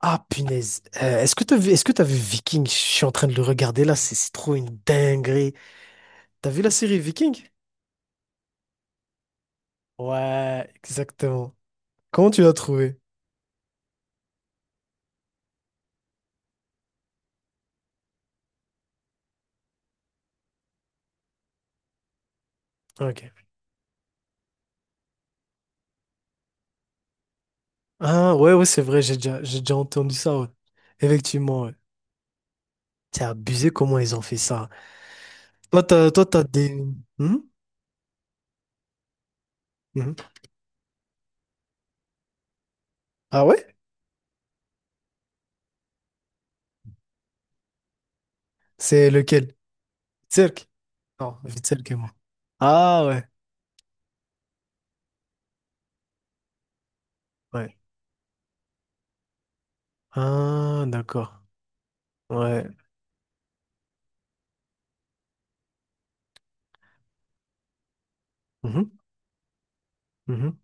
Ah, punaise. Est-ce que t'as vu, est-ce que t'as vu Viking? Je suis en train de le regarder là, c'est trop une dinguerie. T'as vu la série Viking? Ouais, exactement. Comment tu l'as trouvé? Ok. Ah, ouais, ouais, c'est vrai, j'ai déjà entendu ça, ouais. Effectivement, ouais. C'est abusé comment ils ont fait ça. Toi, t'as des... Hmm. Mhm. Ah ouais? C'est lequel? Cirque? Non, Vitselk et moi. Ah ouais, ouais. Ah, d'accord. Ouais. Mhm, mhm,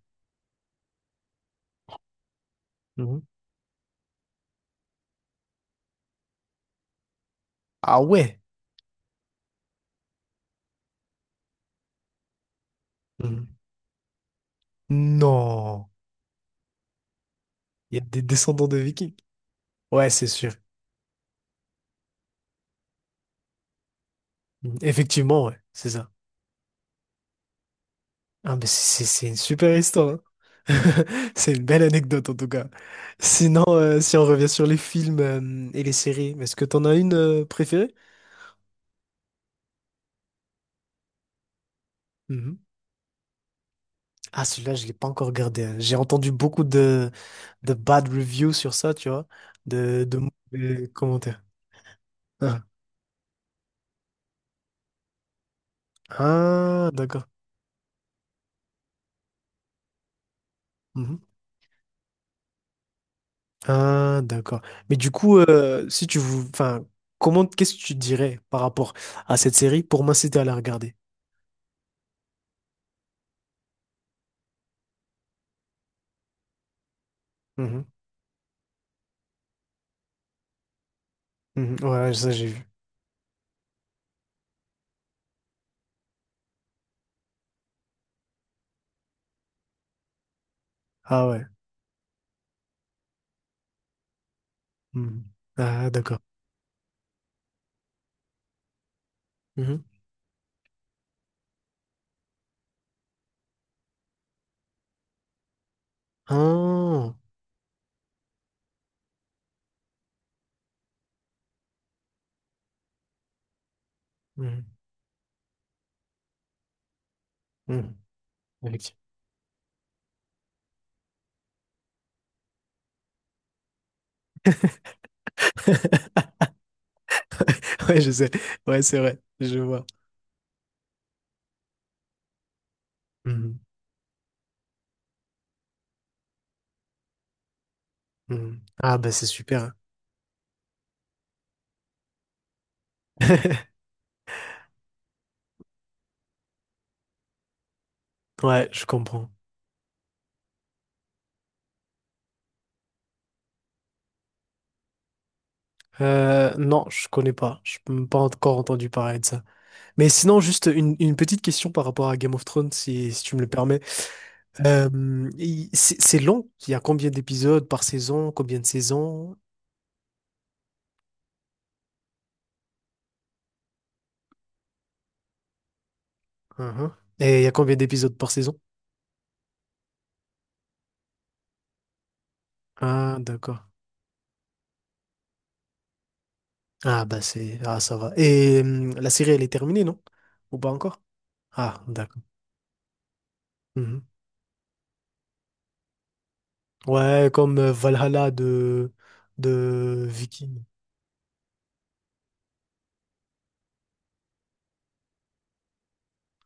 mhm. Ah ouais. Mhm. Non, il y a des descendants de Vikings. Ouais, c'est sûr. Effectivement, ouais, c'est ça. Ah, mais c'est une super histoire, hein. C'est une belle anecdote en tout cas. Sinon, si on revient sur les films et les séries, est-ce que t'en as une préférée? Mhm. Ah, celui-là, je l'ai pas encore regardé, hein. J'ai entendu beaucoup de bad reviews sur ça, tu vois, de, de, mauvais commentaires. Ah, Ah, d'accord. Ah, d'accord. Mais du coup, si tu vous, enfin, comment, qu'est-ce que tu dirais par rapport à cette série pour m'inciter à la regarder? Mhm, mhm. Ouais, ça j'ai vu. Ah ouais. Mhm. Ah, d'accord. Mhm. Ah. Mhm, mhm. Effectivement. Ouais, je sais. Ouais, c'est vrai. Je vois. Mhm, mhm. Ah, bah c'est super, hein. Ouais, je comprends. Non, je connais pas. Je n'ai pas encore entendu parler de ça. Mais sinon, juste une petite question par rapport à Game of Thrones, si tu me le permets. C'est long. Il y a combien d'épisodes par saison? Combien de saisons? Uhum. Et il y a combien d'épisodes par saison? Ah, d'accord. Ah, bah c'est... Ah, ça va. Et la série, elle est terminée, non? Ou pas encore? Ah, d'accord. Mhm. Ouais, comme Valhalla de Viking.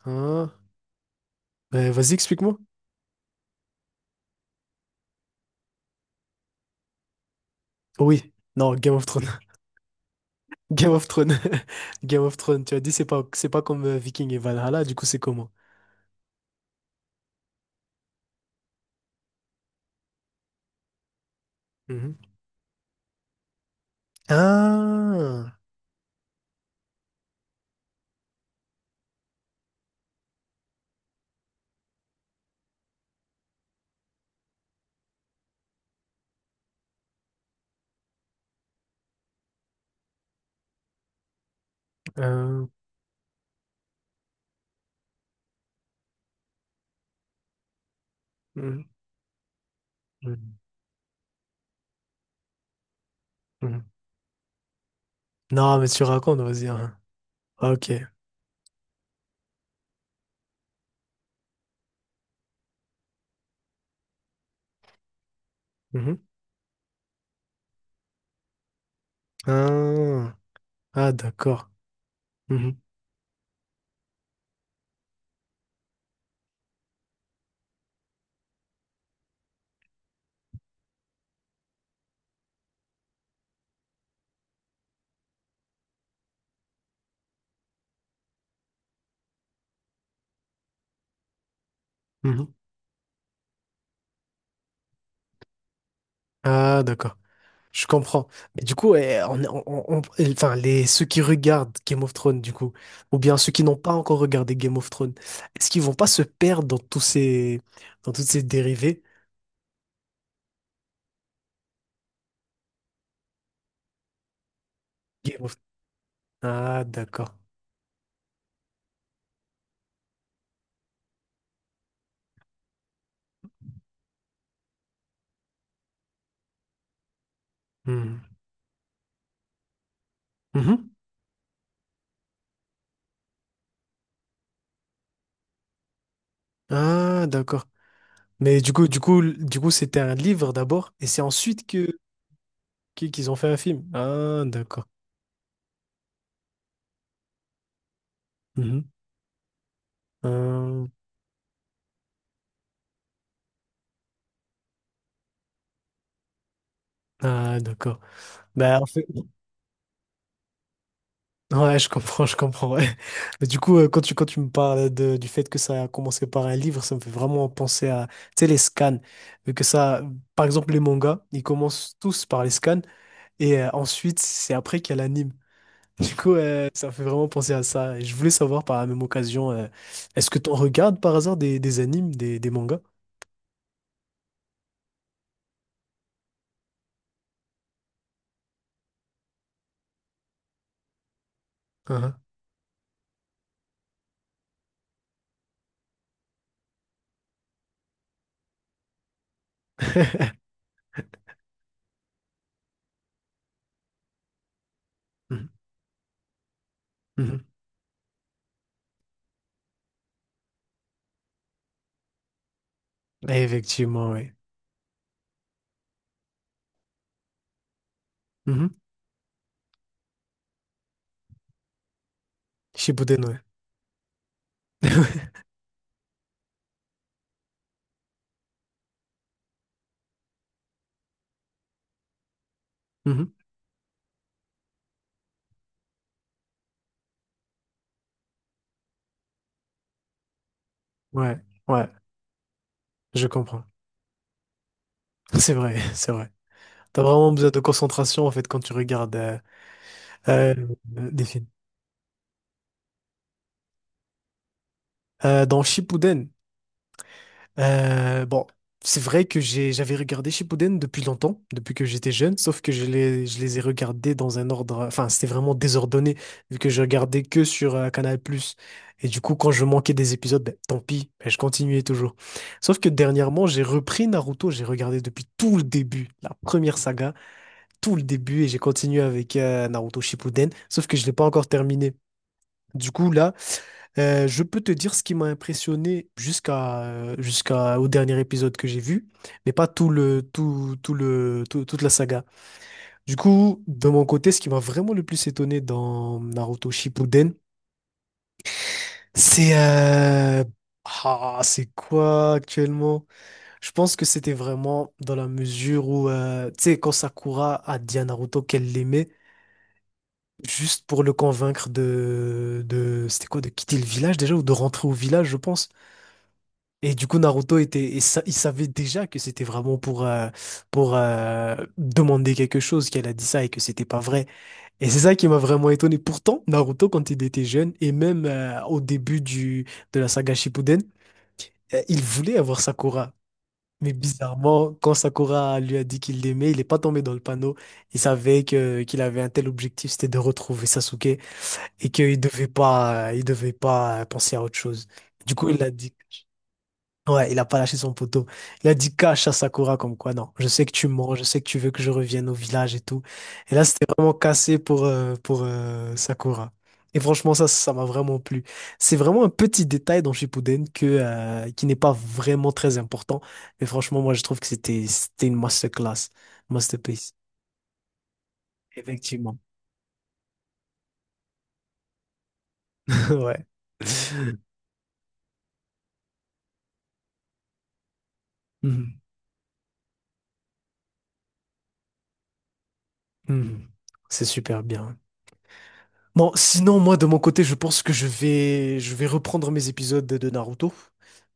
Hein? Vas-y, explique-moi. Oui. Non, Game of Thrones. Game of Thrones. Game of Thrones. Tu as dit, c'est pas comme Viking et Valhalla, du coup, c'est comment? Mhm. Ah, euh, mhm. Mhm. Mhm. Non, mais tu racontes, vas-y, hein. Ah, Ok. Mhm. Ah, Ah, d'accord. Mhm. Mhm. Ah, d'accord. Je comprends. Mais du coup, enfin, les, ceux qui regardent Game of Thrones, du coup, ou bien ceux qui n'ont pas encore regardé Game of Thrones, est-ce qu'ils vont pas se perdre dans toutes ces dérivées? Game of- Ah, d'accord. Mhm. Mhm. Ah, d'accord. Mais du coup, c'était un livre d'abord, et c'est ensuite que qu'ils ont fait un film. Ah, d'accord. Mhm. Euh, Ah, d'accord. Bah, en fait, ouais, je comprends, ouais. Mais du coup, quand tu me parles de, du fait que ça a commencé par un livre, ça me fait vraiment penser à, tu sais, les scans. Vu que ça, par exemple, les mangas, ils commencent tous par les scans et ensuite, c'est après qu'il y a l'anime. Du coup, ça me fait vraiment penser à ça. Et je voulais savoir par la même occasion, est-ce que tu en regardes par hasard des animes, des mangas? Uhum. Mhm. Mhm. Effectivement, oui. Mhm. Shippuden, ouais. Mhm. Ouais, ouais, je comprends. C'est vrai, c'est vrai. T'as vraiment besoin de concentration en fait quand tu regardes euh, des films. Dans Shippuden, bon, c'est vrai que j'avais regardé Shippuden depuis longtemps, depuis que j'étais jeune, sauf que je les ai regardés dans un ordre, enfin c'était vraiment désordonné vu que je regardais que sur Canal+. Et du coup, quand je manquais des épisodes, ben, tant pis, ben, je continuais toujours. Sauf que dernièrement, j'ai repris Naruto, j'ai regardé depuis tout le début, la première saga. Tout le début et j'ai continué avec Naruto Shippuden, sauf que je l'ai pas encore terminé. Du coup, là, je peux te dire ce qui m'a impressionné jusqu'à jusqu'à au dernier épisode que j'ai vu, mais pas toute la saga. Du coup, de mon côté, ce qui m'a vraiment le plus étonné dans Naruto Shippuden, c'est ah, c'est quoi actuellement? Je pense que c'était vraiment dans la mesure où, tu sais, quand Sakura a dit à Naruto qu'elle l'aimait, juste pour le convaincre de quitter le village déjà ou de rentrer au village, je pense. Et du coup, Naruto était, et sa- il savait déjà que c'était vraiment pour, demander quelque chose qu'elle a dit ça et que c'était pas vrai. Et c'est ça qui m'a vraiment étonné. Pourtant, Naruto, quand il était jeune et même au début du, de la saga Shippuden, il voulait avoir Sakura. Mais bizarrement, quand Sakura lui a dit qu'il l'aimait, il n'est pas tombé dans le panneau. Il savait que qu'il avait un tel objectif, c'était de retrouver Sasuke et qu'il devait pas, il devait pas penser à autre chose. Du coup, il a dit, ouais, il a pas lâché son poteau. Il a dit cache à Sakura comme quoi, non, je sais que tu mens, je sais que tu veux que je revienne au village et tout. Et là, c'était vraiment cassé pour, Sakura. Et franchement, ça m'a vraiment plu. C'est vraiment un petit détail dans Shippuden que, qui n'est pas vraiment très important. Mais franchement, moi, je trouve que c'était une masterclass, masterpiece. Effectivement. Ouais. Mhm. Mhm. C'est super bien. Bon, sinon, moi, de mon côté, je pense que je vais reprendre mes épisodes de Naruto.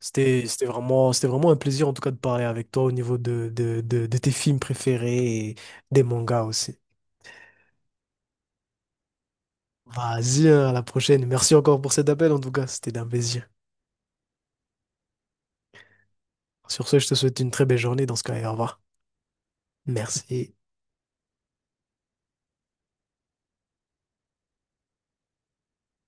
C'était vraiment un plaisir, en tout cas, de parler avec toi au niveau de tes films préférés et des mangas aussi. Vas-y, hein, à la prochaine. Merci encore pour cet appel, en tout cas. C'était un plaisir. Sur ce, je te souhaite une très belle journée dans ce cas, et au revoir. Merci.